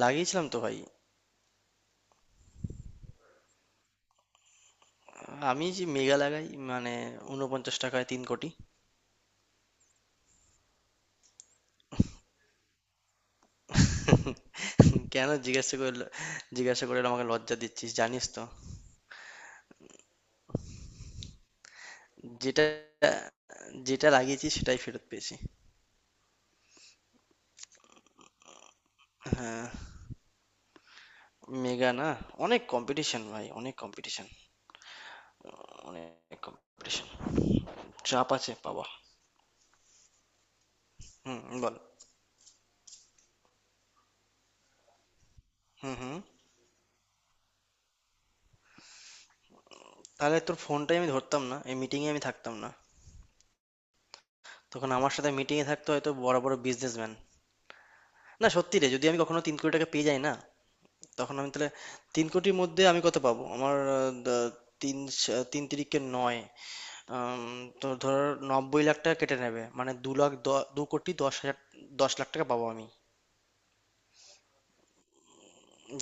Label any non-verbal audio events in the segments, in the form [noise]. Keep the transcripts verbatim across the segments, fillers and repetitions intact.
লাগিয়েছিলাম তো ভাই। আমি যে মেগা লাগাই মানে উনপঞ্চাশ টাকায় তিন কোটি। [laughs] কেন জিজ্ঞাসা করলো? জিজ্ঞাসা করে আমাকে লজ্জা দিচ্ছিস জানিস তো। যেটা যেটা লাগিয়েছি সেটাই ফেরত পেয়েছি। আহ, মেগা না, অনেক কম্পিটিশন ভাই, অনেক কম্পিটিশন, অনেক কম্পিটিশন, চাপ আছে বাবা। হুম, বল। হুম, হুম। তাহলে তোর ফোনটাই আমি ধরতাম না, এই মিটিংয়ে আমি থাকতাম না। তখন আমার সাথে মিটিংয়ে থাকতো হয়তো বড় বড় বিজনেসম্যান। না সত্যি রে, যদি আমি কখনো তিন কোটি টাকা পেয়ে যাই না, তখন আমি তাহলে তিন কোটির মধ্যে আমি কত পাবো আমার আহ, দ- তিন স- তিন তিরিকে নয়, আম, তো ধর নব্বই লাখ টাকা কেটে নেবে, মানে দু লাখ দ- দু কোটি দশ হাজার, দশ লাখ টাকা পাবো আমি।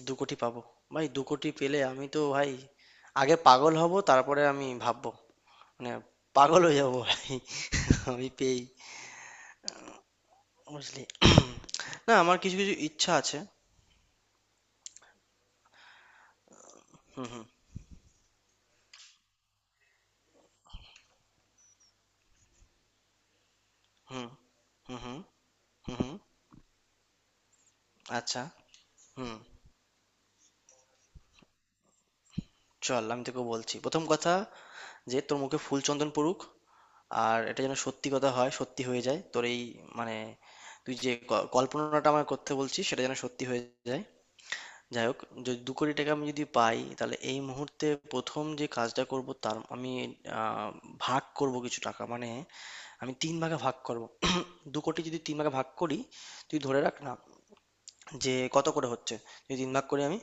দু কোটি পাবো। ভাই দু কোটি পেলে আমি তো ভাই আগে পাগল হব, তারপরে আমি ভাববো, মানে পাগল হয়ে যাবো ভাই আমি পেয়েই, বুঝলি। না আমার কিছু কিছু ইচ্ছা আছে। হুম, হুম, হুম, হুম, হুম, হুম, হুম, আচ্ছা, হুম। চল আমি তোকে বলছি প্রথম কথা যে তোর মুখে ফুল চন্দন পড়ুক, আর এটা যেন সত্যি কথা হয়, সত্যি হয়ে যায়, তোর এই মানে তুই যে ক- কল্পনাটা আমায় করতে বলছিস সেটা যেন সত্যি হয়ে যায়। যাই হোক, যদি দু কোটি টাকা আমি যদি পাই তাহলে এই মুহূর্তে প্রথম যে কাজটা করব তার আমি আহ, ভাগ করব কিছু টাকা, মানে আমি তিন ভাগে ভাগ করব। দু কোটি যদি তিন ভাগে ভাগ করি, তুই ধরে রাখ না যে কত করে হচ্ছে, যদি তিন ভাগ করি আমি,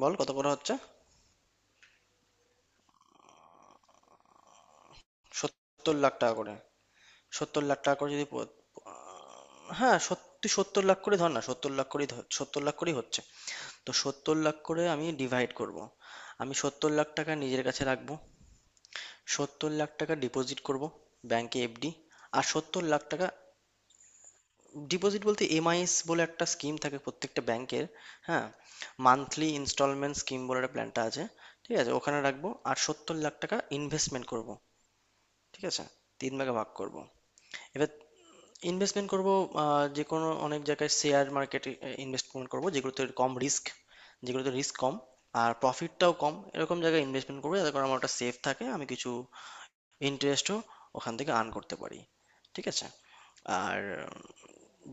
বল কত করে হচ্ছে। সত্তর লাখ টাকা করে। সত্তর লাখ টাকা করে, যদি প- আহ, হ্যাঁ, সত- তুই সত্তর লাখ করে ধর না, সত্তর লাখ করেই ধর, সত্তর লাখ করেই হচ্ছে। তো সত্তর লাখ করে আমি ডিভাইড করব। আমি সত্তর লাখ টাকা নিজের কাছে রাখবো, সত্তর লাখ টাকা ডিপোজিট করব ব্যাংকে, এফডি। আর সত্তর লাখ টাকা, ডিপোজিট বলতে এমআইএস বলে একটা স্কিম থাকে প্রত্যেকটা ব্যাংকের। হ্যাঁ, মান্থলি ইনস্টলমেন্ট স্কিম বলে একটা প্ল্যানটা আছে। ঠিক আছে, ওখানে রাখবো। আর সত্তর লাখ টাকা ইনভেস্টমেন্ট করব। ঠিক আছে, তিন ভাগে ভাগ করব এবার। ইনভেস্টমেন্ট করব আহ, যে কোনো অনেক জায়গায়, শেয়ার মার্কেটে ইনভেস্টমেন্ট করব, যেগুলোতে কম রিস্ক, যেগুলোতে রিস্ক কম আর প্রফিটটাও কম, এরকম জায়গায় ইনভেস্টমেন্ট করবো, যাতে করে আমার ওটা সেফ থাকে, আমি কিছু ইন্টারেস্টও ওখান থেকে আর্ন করতে পারি। ঠিক আছে। আর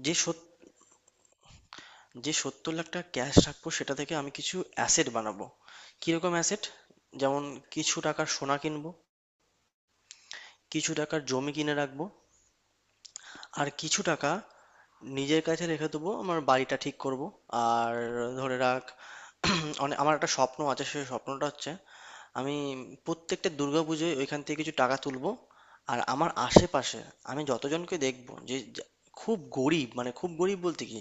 যে সত যে সত্তর লাখ টাকা ক্যাশ রাখবো সেটা থেকে আমি কিছু অ্যাসেট বানাবো। কিরকম অ্যাসেট? যেমন, কিছু টাকার সোনা কিনবো, কিছু টাকার জমি কিনে রাখবো, আর কিছু টাকা নিজের কাছে রেখে দেবো, আমার বাড়িটা ঠিক করব। আর ধরে রাখ, [clears throat] অনেক আমার একটা স্বপ্ন আছে, সেই স্বপ্নটা হচ্ছে আমি প্রত্যেকটা দুর্গাপুজোয় ওইখান থেকে কিছু টাকা তুলবো। আর আমার আশেপাশে আমি যতজনকে দেখবো যে যা- খুব গরিব, মানে খুব গরিব বলতে কি,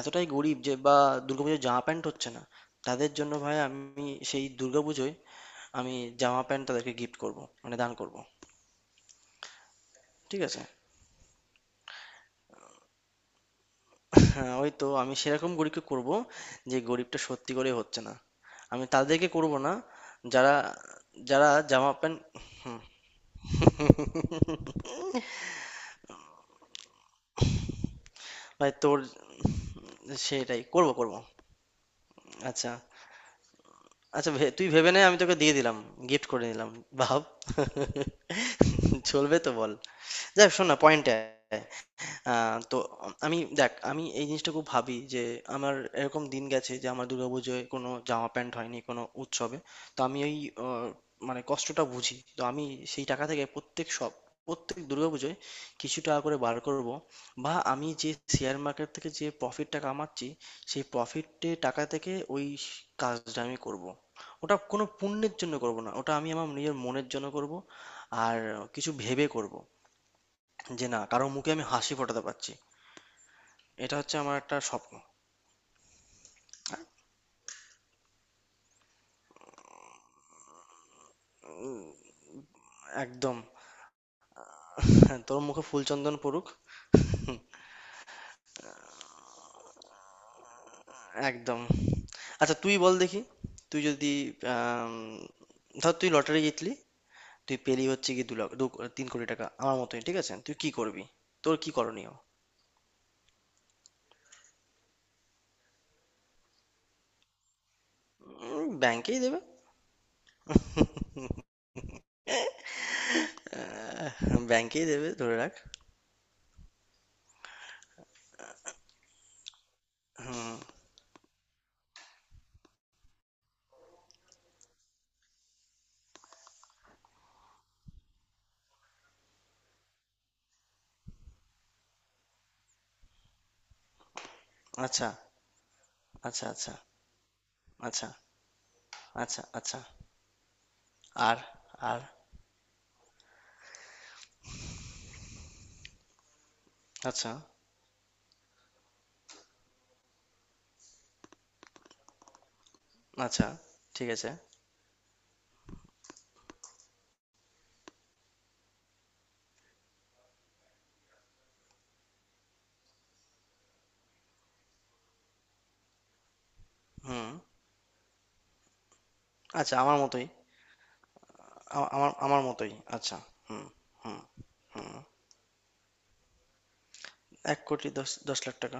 এতটাই গরিব যে বা দুর্গাপুজোয় জামা প্যান্ট হচ্ছে না, তাদের জন্য ভাই আমি সেই দুর্গাপুজোয় আমি জামা প্যান্ট তাদেরকে গিফট করব, মানে দান করব। ঠিক আছে। হ্যাঁ, ওই তো আমি সেরকম গরিবকে করব, যে গরিবটা সত্যি করে হচ্ছে না আমি তাদেরকে করব না। যারা যারা জামা প্যান্ট, হুম। ভাই তোর, সেটাই করব, করব। আচ্ছা, আচ্ছা, ভে- তুই ভেবে নে আমি তোকে দিয়ে দিলাম, গিফট করে নিলাম, ভাব, চলবে তো বল। যাক, শোন না, পয়েন্টে আয়। আহ, তো আমি দেখ, আমি এই জিনিসটা খুব ভাবি যে আমার এরকম দিন গেছে যে আমার দুর্গাপুজোয় কোনো জামা প্যান্ট হয়নি কোনো উৎসবে। তো আমি ওই আহ, মানে কষ্টটা বুঝি তো আমি। সেই টাকা থেকে প্রত্যেক সব প্রত্যেক দুর্গাপুজোয় কিছু টাকা করে বার করব, বা আমি যে শেয়ার মার্কেট থেকে যে প্রফিটটা কামাচ্ছি সেই প্রফিটে টাকা থেকে ওই কাজটা আমি করব। ওটা কোনো পুণ্যের জন্য করব না, ওটা আমি আমার নিজের মনের জন্য করব। আর কিছু ভেবে করব যে, না, কারো মুখে আমি হাসি ফোটাতে পারছি, এটা হচ্ছে আমার একটা স্বপ্ন। একদম। হ্যাঁ, তোর মুখে ফুলচন্দন পড়ুক। হুম। একদম। আচ্ছা তুই বল দেখি, তুই যদি আম, ধর তুই লটারি জিতলি, তুই পেলি হচ্ছে কি দু লাখ দু তিন কোটি টাকা আমার মতোই, ঠিক আছে? তুই কি করবি? তোর কি করণীয়? উম, ব্যাংকেই দেবে। আহ, ব্যাংকেই দেবে ধরে রাখ। হুম, আচ্ছা, আচ্ছা, আচ্ছা, আচ্ছা, আচ্ছা, আচ্ছা, আর, আর, আচ্ছা, আচ্ছা, ঠিক আছে, হুম, আচ্ছা আমার মতোই, আ- আমার আমার মতোই, আচ্ছা। হুম, হুম, হুম, এক কোটি দশ দশ লাখ টাকা,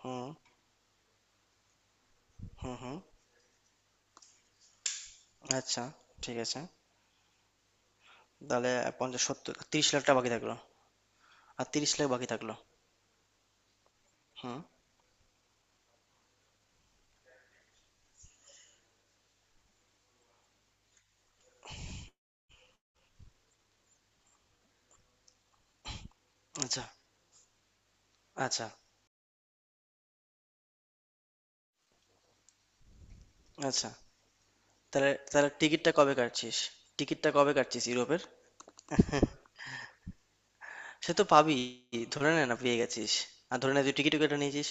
হুম, হুম, হুম, আচ্ছা, ঠিক আছে। তাহলে পঞ্চাশ সত্তর তিরিশ লাখ টাকা বাকি থাকলো। আর তিরিশ লাখ বাকি থাকলো। হুম, আচ্ছা, আচ্ছা, আচ্ছা। তাহলে তাহলে টিকিটটা কবে কাটছিস? টিকিটটা কবে কাটছিস ইউরোপের? সে তো পাবি, ধরে নে না পেয়ে গেছিস, আর ধরে নে তুই টিকিটও কেটে নিয়েছিস।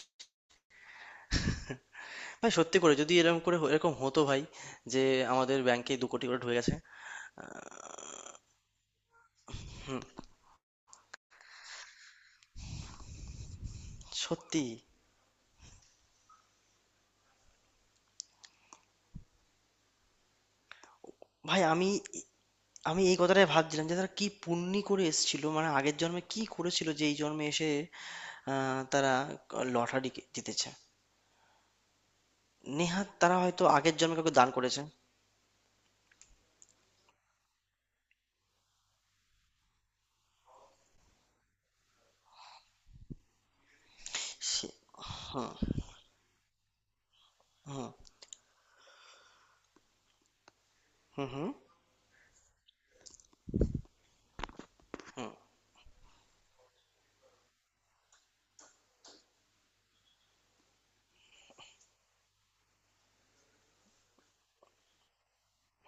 ভাই সত্যি করে যদি এরকম করে এরকম হতো ভাই, যে আমাদের ব্যাংকে দু কোটি করে ঢুকে গেছে। সত্যি, ভাই আমি আমি এই কথাটাই ভাবছিলাম যে তারা কি পুণ্যি করে এসেছিল মানে আগের জন্মে কি করেছিল যে এই জন্মে এসে আহ, তারা লটারি জিতেছে। নেহাত তারা হয়তো আগের জন্মে কাউকে দান করেছে। সে- হুম, হুম, হুম, হুম, হুম,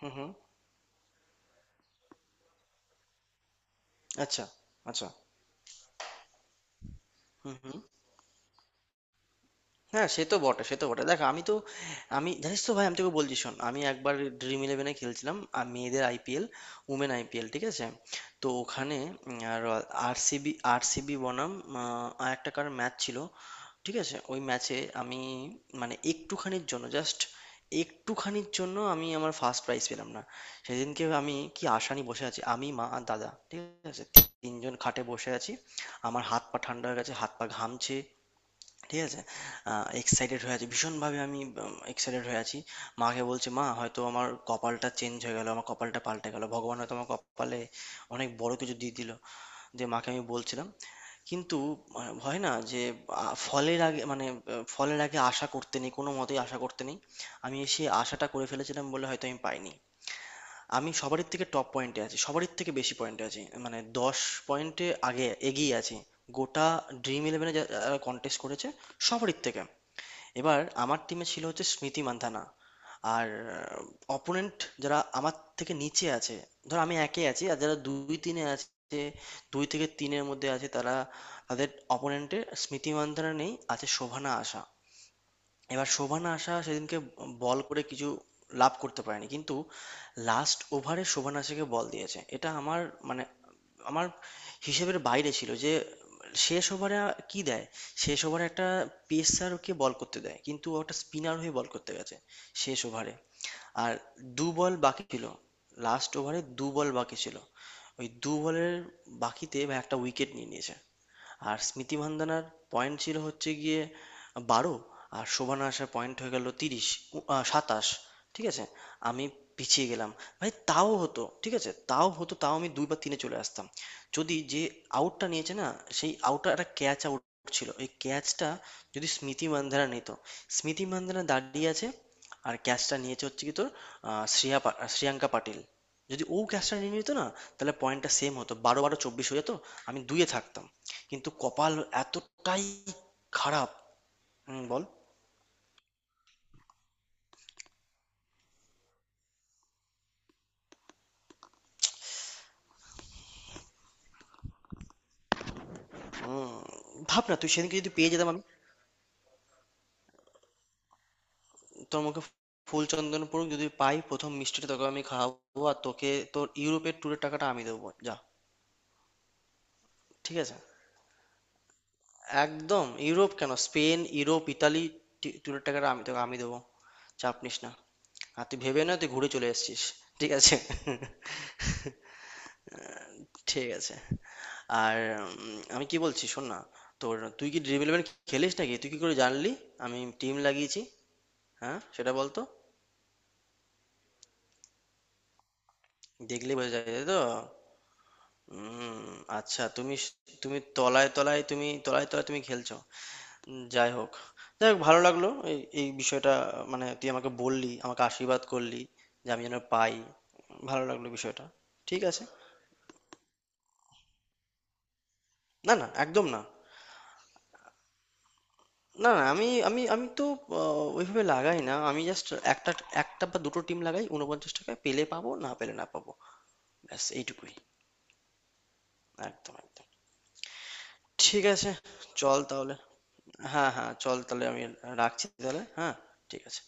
হুম, হুম, আচ্ছা, আচ্ছা, হুম, হুম। হ্যাঁ, সে তো বটে, সে তো বটে। দেখ আমি তো, আমি জানিস তো ভাই, আমি তোকে বলছি, শোন, আমি একবার ড্রিম ইলেভেনে খেলছিলাম আর মেয়েদের আইপিএল, উমেন আইপিএল, ঠিক আছে? তো ওখানে উম, আর আরসিবি আরসিবি বনাম আহ, আর একটা, কার ম্যাচ ছিল, ঠিক আছে? ওই ম্যাচে আমি, মানে একটুখানির জন্য জাস্ট, একটুখানির জন্য আমি আমার ফার্স্ট প্রাইজ পেলাম না। সেদিনকে আমি কি আশা নিয়ে বসে আছি, আমি মা আর দাদা, ঠিক আছে, তিনজন খাটে বসে আছি। আমার হাত পা ঠান্ডা হয়ে গেছে, হাত পা ঘামছে, ঠিক আছে, এক্সাইটেড হয়ে আছি ভীষণভাবে, আমি এক্সাইটেড হয়ে আছি। মাকে বলছি মা, হয়তো আমার কপালটা চেঞ্জ হয়ে গেল, আমার কপালটা পাল্টে গেল, ভগবান হয়তো আমার কপালে অনেক বড় কিছু দিয়ে দিল, যে মাকে আমি বলছিলাম। কিন্তু, মানে হয় না যে, আ, ফলের আগে, মানে আহ, ফলের আগে আশা করতে নেই, কোনো মতেই আশা করতে নেই। আমি সেই আশাটা করে ফেলেছিলাম বলে হয়তো আমি পাইনি। আমি সবারই থেকে টপ পয়েন্টে আছি, সবারই থেকে বেশি পয়েন্টে আছি, মানে দশ পয়েন্টে আগে এগিয়ে আছি, গোটা ড্রিম ইলেভেনে যারা কন্টেস্ট করেছে সবারই থেকে। এবার আমার টিমে ছিল হচ্ছে স্মৃতি মান্ধানা, আর অপোনেন্ট যারা আমার থেকে নিচে আছে, ধর আমি একে আছি আর যারা দুই তিনে আছে, দুই থেকে তিনের মধ্যে আছে, তারা, তাদের অপোনেন্টের স্মৃতি মান্ধানা নেই, আছে শোভনা আশা। এবার শোভন আশা সেদিনকে বল করে কিছু লাভ করতে পারেনি, কিন্তু লাস্ট ওভারে শোভন আশাকে বল দিয়েছে, এটা আমার মানে আমার হিসেবের বাইরে ছিল যে শেষ ওভারে কি দেয়, শেষ ওভারে একটা পেসারকে বল করতে দেয়, কিন্তু ও একটা স্পিনার হয়ে বল করতে গেছে শেষ ওভারে। আর দু বল বাকি ছিল, লাস্ট ওভারে দু বল বাকি ছিল, ওই দু বলের বাকিতে ভাই একটা উইকেট নিয়ে নিয়েছে। আর স্মৃতি মান্দানার পয়েন্ট ছিল হচ্ছে গিয়ে বারো, আর শোভনা আসার পয়েন্ট হয়ে গেল তিরিশ, সাতাশ, ঠিক আছে। আমি পিছিয়ে গেলাম। ভাই তাও হতো, ঠিক আছে, তাও হতো, তাও আমি দুই বা তিনে চলে আসতাম, যদি যে আউটটা নিয়েছে না, সেই আউটটা একটা ক্যাচ আউট ছিল, ওই ক্যাচটা যদি স্মৃতি মান্ধানা নিত, স্মৃতি মান্ধানা দাঁড়িয়ে আছে আর ক্যাচটা নিয়েছে হচ্ছে কি তোর আহ, শ্রেয়া পা- শ্রেয়াঙ্কা পাটিল, যদি ও ক্যাচটা নিয়ে নিত না, তাহলে পয়েন্টটা সেম হতো, বারো বারো চব্বিশ হয়ে যেত, আমি দুইয়ে থাকতাম। কিন্তু কপাল এতটাই খারাপ। হুম, বল। হুম। ভাব না, তুই সেদিনকে যদি পেয়ে যেতাম আমি, তোর মুখে ফুল চন্দন পড়ুক, যদি পাই প্রথম মিষ্টিটা তোকে আমি খাওয়াবো আর তোকে তোর ইউরোপের ট্যুরের টাকাটা আমি দেবো, যা। ঠিক আছে। একদম, ইউরোপ কেন, স্পেন, ইউরোপ, ইতালি ট্যুরের টাকাটা আমি তোকে আমি দেবো, চাপ নিস না, আর তুই ভেবে না তুই ঘুরে চলে এসেছিস, ঠিক আছে। [laughs] ঠিক আছে। আর উম, আমি কি বলছি শোন না, তোর তুই কি ড্রিম ইলেভেন খেলিস নাকি, তুই কি করে জানলি আমি টিম লাগিয়েছি? হ্যাঁ, সেটা বলতো। দেখলেই বোঝা যায়, তাই তো। উম, আচ্ছা তুমি স- তুমি তলায় তলায় তুমি তলায় তলায় তুমি খেলছো। উম, যাই হোক যাই হোক ভালো লাগলো, এই এই বিষয়টা, মানে তুই আমাকে বললি, আমাকে আশীর্বাদ করলি যে আমি যেন পাই, ভালো লাগলো বিষয়টা। ঠিক আছে, না না, একদম না, না না, আমি, আমি আমি তো আহ, ওইভাবে লাগাই না, আমি জাস্ট একটা একটা বা দুটো টিম লাগাই, উনপঞ্চাশ টাকায়, পেলে পাবো, না পেলে না পাবো, ব্যাস এইটুকুই। একদম, একদম। ঠিক আছে, চল তাহলে। হ্যাঁ, হ্যাঁ, চল তাহলে, আমি রাখছি তাহলে, হ্যাঁ। ঠিক আছে।